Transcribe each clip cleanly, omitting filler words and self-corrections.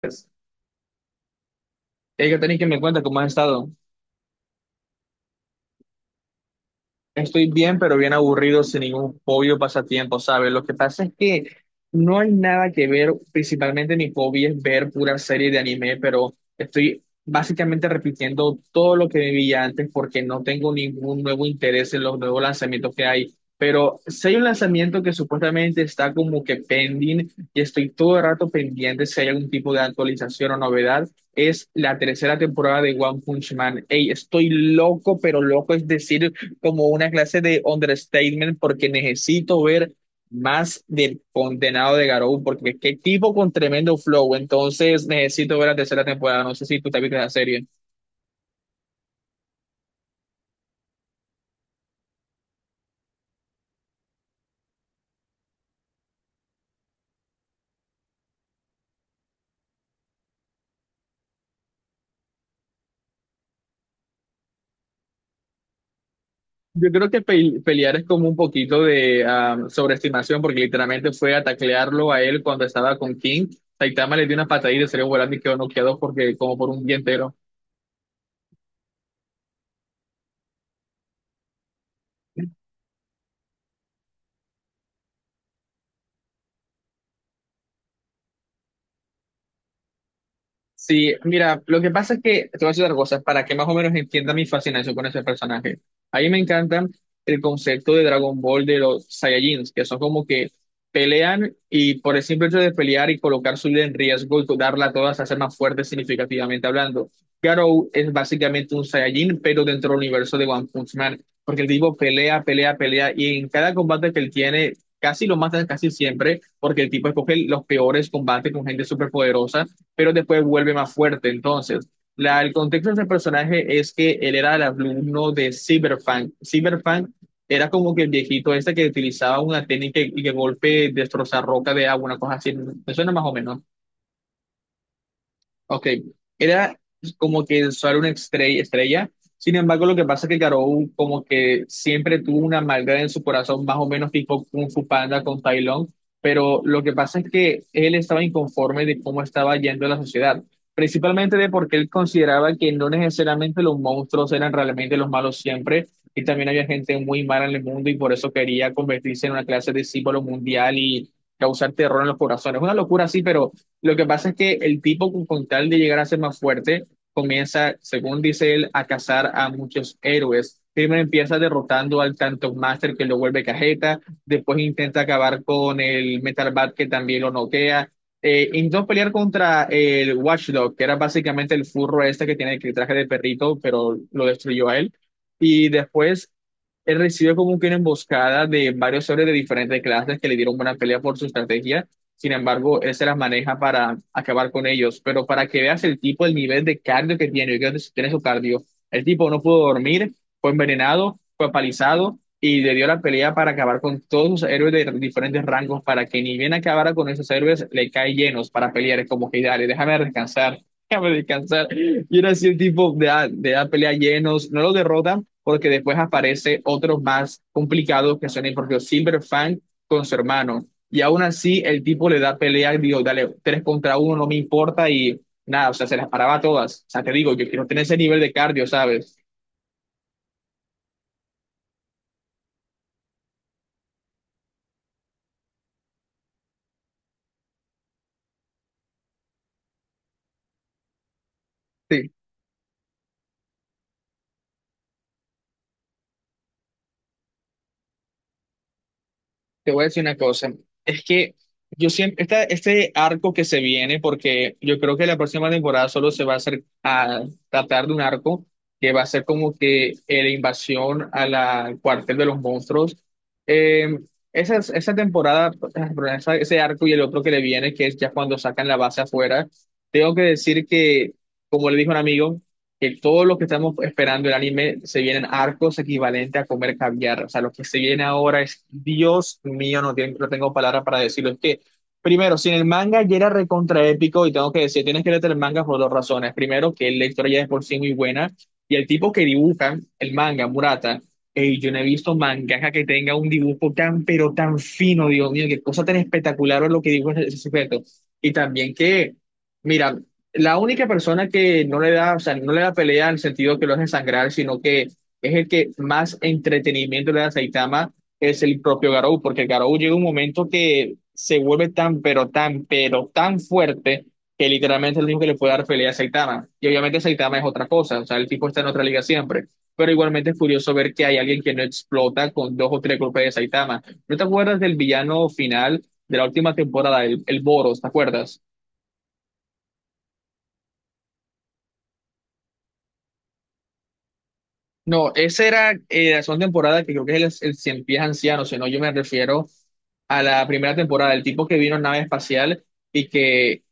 Pues, Erika, tenéis que me cuenta cómo has estado. Estoy bien, pero bien aburrido, sin ningún hobby o pasatiempo, ¿sabes? Lo que pasa es que no hay nada que ver, principalmente mi hobby es ver pura serie de anime, pero estoy básicamente repitiendo todo lo que vivía antes porque no tengo ningún nuevo interés en los nuevos lanzamientos que hay. Pero si hay un lanzamiento que supuestamente está como que pending y estoy todo el rato pendiente si hay algún tipo de actualización o novedad, es la tercera temporada de One Punch Man. Ey, estoy loco, pero loco, es decir, como una clase de understatement porque necesito ver más del condenado de Garou, porque qué tipo con tremendo flow, entonces necesito ver la tercera temporada, no sé si tú te viste la serie. Yo creo que pelear es como un poquito de sobreestimación, porque literalmente fue a taclearlo a él cuando estaba con King. Saitama le dio una patadita y salió volando y quedó noqueado porque, como por un día entero. Sí, mira, lo que pasa es que, te voy a decir otra cosa, para que más o menos entienda mi fascinación con ese personaje. A mí me encanta el concepto de Dragon Ball de los Saiyajins, que son como que pelean y por el simple hecho de pelear y colocar su vida en riesgo y darla a todas, hacer más fuerte significativamente hablando. Garou es básicamente un Saiyajin, pero dentro del universo de One Punch Man, porque el tipo pelea, pelea, pelea, y en cada combate que él tiene, casi lo matan casi siempre, porque el tipo escoge los peores combates con gente superpoderosa pero después vuelve más fuerte. Entonces, el contexto de ese personaje es que él era el alumno de Cyberpunk. Cyberpunk era como que el viejito este que utilizaba una técnica y que golpe destrozar roca de agua, una cosa así. Me suena más o menos. Ok, era como que el sol era una estrella, Sin embargo, lo que pasa es que Garou como que siempre tuvo una maldad en su corazón, más o menos tipo Kung Fu Panda con Tai Lung, pero lo que pasa es que él estaba inconforme de cómo estaba yendo la sociedad, principalmente de porque él consideraba que no necesariamente los monstruos eran realmente los malos siempre, y también había gente muy mala en el mundo y por eso quería convertirse en una clase de símbolo mundial y causar terror en los corazones. Una locura así, pero... Lo que pasa es que el tipo, con tal de llegar a ser más fuerte, comienza, según dice él, a cazar a muchos héroes. Primero empieza derrotando al Tanto Master que lo vuelve cajeta, después intenta acabar con el Metal Bat que también lo noquea. Intentó pelear contra el Watchdog, que era básicamente el furro este que tiene el traje de perrito, pero lo destruyó a él. Y después él recibe como que una emboscada de varios héroes de diferentes clases que le dieron buena pelea por su estrategia, sin embargo, él se las maneja para acabar con ellos. Pero para que veas el tipo, el nivel de cardio que tiene, yo creo que tiene su cardio. El tipo no pudo dormir, fue envenenado, fue apalizado y le dio la pelea para acabar con todos sus héroes de diferentes rangos para que ni bien acabara con esos héroes, le cae llenos para pelear. Es como que dale, déjame descansar, déjame descansar. Y era así el tipo de la pelea llenos, no lo derrota porque después aparece otros más complicados que son el propio Silver Fang con su hermano. Y aún así, el tipo le da pelea, y digo, dale, tres contra uno, no me importa y nada, o sea, se las paraba todas. O sea, te digo, yo quiero tener ese nivel de cardio, ¿sabes? Te voy a decir una cosa, es que yo siempre, esta, este arco que se viene, porque yo creo que la próxima temporada solo se va a hacer a tratar de un arco que va a ser como que la invasión a la al cuartel de los monstruos. Eh, esa temporada, perdón, ese arco y el otro que le viene, que es ya cuando sacan la base afuera, tengo que decir que, como le dijo un amigo, que todo lo que estamos esperando el anime se vienen arcos equivalentes a comer caviar. O sea, lo que se viene ahora es, Dios mío, no, no tengo palabras para decirlo. Es que, primero, si en el manga ya era recontra épico, y tengo que decir, tienes que leer el manga por dos razones. Primero, que la historia ya es por sí muy buena, y el tipo que dibuja el manga, Murata, ey, yo no he visto mangaka que tenga un dibujo tan, pero tan fino, Dios mío, qué cosa tan espectacular es lo que dibuja ese sujeto. Y también que... Mira, la única persona que no le da, o sea, no le da pelea en el sentido que lo hace sangrar, sino que es el que más entretenimiento le da a Saitama, es el propio Garou, porque Garou llega un momento que se vuelve tan, pero tan, pero tan fuerte que literalmente es el único que le puede dar pelea a Saitama. Y obviamente Saitama es otra cosa, o sea, el tipo está en otra liga siempre. Pero igualmente es curioso ver que hay alguien que no explota con dos o tres golpes de Saitama. ¿No te acuerdas del villano final de la última temporada, el Boros, te acuerdas? No, esa era la segunda temporada que creo que es el Cien Pies Anciano, si no, yo me refiero a la primera temporada, el tipo que vino en nave espacial y que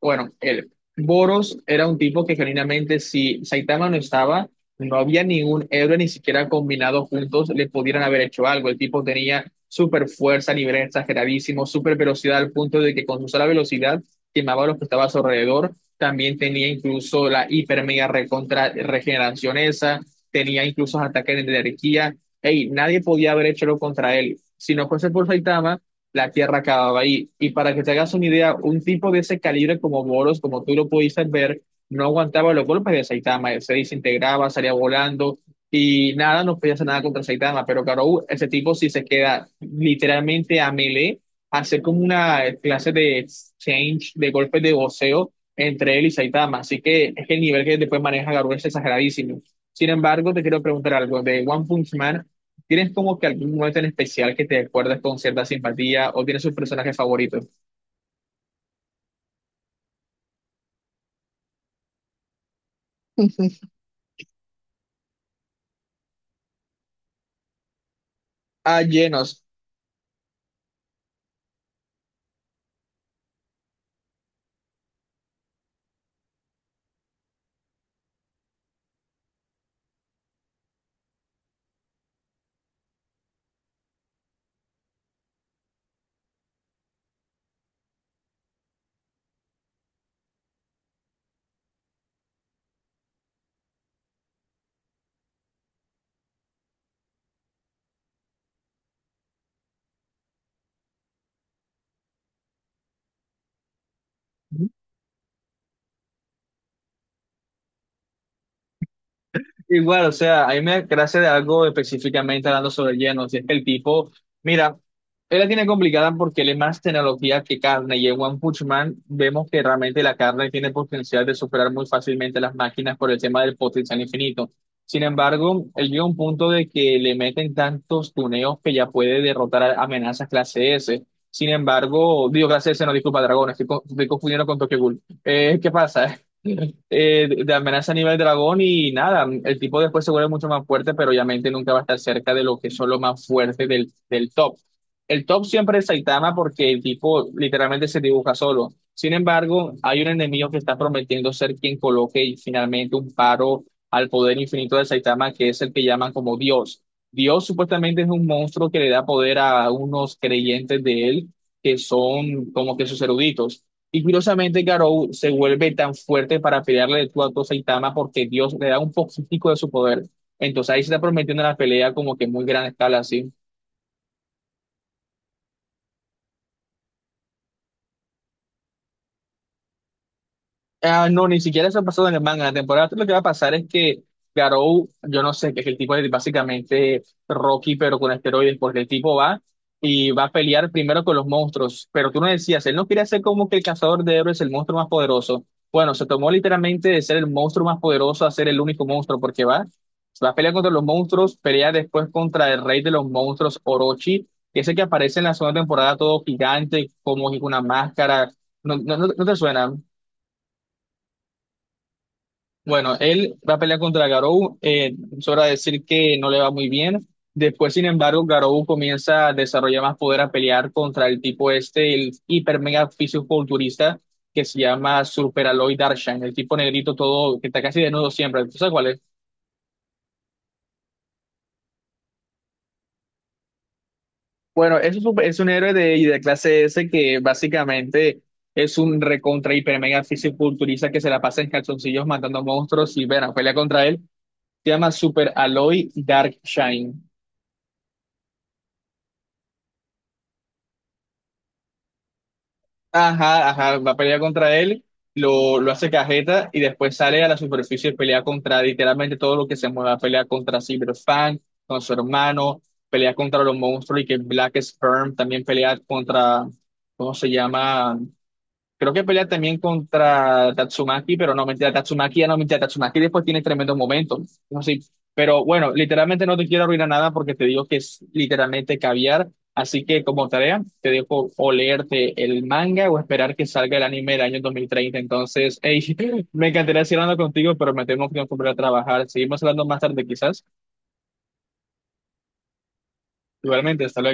bueno, el Boros era un tipo que genuinamente si Saitama no estaba, no había ningún héroe ni siquiera combinado juntos le pudieran haber hecho algo. El tipo tenía super fuerza a nivel exageradísimo, super velocidad al punto de que con su sola velocidad quemaba a los que estaban a su alrededor. También tenía incluso la hiper mega recontra regeneración esa, tenía incluso ataques de energía. Ey, nadie podía haber hecho lo contra él. Si no fuese por Saitama, la tierra acababa ahí. Y para que te hagas una idea, un tipo de ese calibre como Boros, como tú lo pudiste ver, no aguantaba los golpes de Saitama, se desintegraba, salía volando y nada, no podía hacer nada contra Saitama. Pero Garou, ese tipo si se queda literalmente a melee, hacer como una clase de exchange, de golpes de voceo entre él y Saitama. Así que es que el nivel que después maneja Garou es exageradísimo. Sin embargo, te quiero preguntar algo de One Punch Man. ¿Tienes como que algún momento en especial que te acuerdas con cierta simpatía o tienes sus personajes favoritos? Ah, llenos. Igual, o sea, a mí me gracia de algo específicamente hablando sobre lleno, si es que el tipo, mira, él la tiene complicada porque él es más tecnología que carne, y en One Punch Man vemos que realmente la carne tiene potencial de superar muy fácilmente las máquinas por el tema del potencial infinito. Sin embargo, él llega a un punto de que le meten tantos tuneos que ya puede derrotar a amenazas clase S. Sin embargo, digo clase S, no disculpa, dragón, estoy, estoy confundiendo con Tokyo Ghoul. ¿Qué pasa? De amenaza a nivel dragón y nada, el tipo después se vuelve mucho más fuerte, pero obviamente nunca va a estar cerca de lo que son los más fuertes del top. El top siempre es Saitama porque el tipo literalmente se dibuja solo. Sin embargo, hay un enemigo que está prometiendo ser quien coloque finalmente un paro al poder infinito de Saitama, que es el que llaman como Dios. Dios supuestamente es un monstruo que le da poder a unos creyentes de él, que son como que sus eruditos. Y curiosamente, Garou se vuelve tan fuerte para pelearle de tú a tú a Saitama porque Dios le da un poquitico de su poder. Entonces ahí se está prometiendo una pelea como que muy gran escala, así. Ah, no, ni siquiera eso ha pasado en el manga. En la temporada tres lo que va a pasar es que Garou, yo no sé, que es el tipo de básicamente Rocky, pero con esteroides, porque el tipo va y va a pelear primero con los monstruos. Pero tú no decías, él no quiere ser como que el cazador de héroes, el monstruo más poderoso. Bueno, se tomó literalmente de ser el monstruo más poderoso a ser el único monstruo, porque va, va a pelear contra los monstruos, pelea después contra el rey de los monstruos, Orochi, que es el que aparece en la segunda temporada todo gigante, como con una máscara. No, no, no, te suena. Bueno, él va a pelear contra Garou, es hora de decir que no le va muy bien. Después, sin embargo, Garou comienza a desarrollar más poder a pelear contra el tipo este, el hiper mega fisiculturista que se llama Super Aloy Darshan, el tipo negrito todo, que está casi desnudo siempre. ¿Tú sabes cuál es? Bueno, es un héroe de, y de clase S que básicamente es un recontra hiper mega fisiculturista que se la pasa en calzoncillos matando monstruos y, bueno, pelea contra él. Se llama Super Aloy Darkshine. Ajá, ajá, va a pelear contra él, lo hace cajeta y después sale a la superficie y pelea contra literalmente todo lo que se mueva. Pelea contra Cyberpunk, con su hermano, pelea contra los monstruos y que Black Sperm también pelea contra, ¿cómo se llama? Creo que pelea también contra Tatsumaki, pero no, mentira, Tatsumaki ya no, mentira, Tatsumaki después tiene tremendos momentos. No sé, pero bueno, literalmente no te quiero arruinar nada porque te digo que es literalmente caviar. Así que como tarea, te dejo o leerte el manga o esperar que salga el anime del año 2030. Entonces, hey, me encantaría seguir hablando contigo, pero me tengo que volver a trabajar. Seguimos hablando más tarde quizás. Igualmente, hasta luego.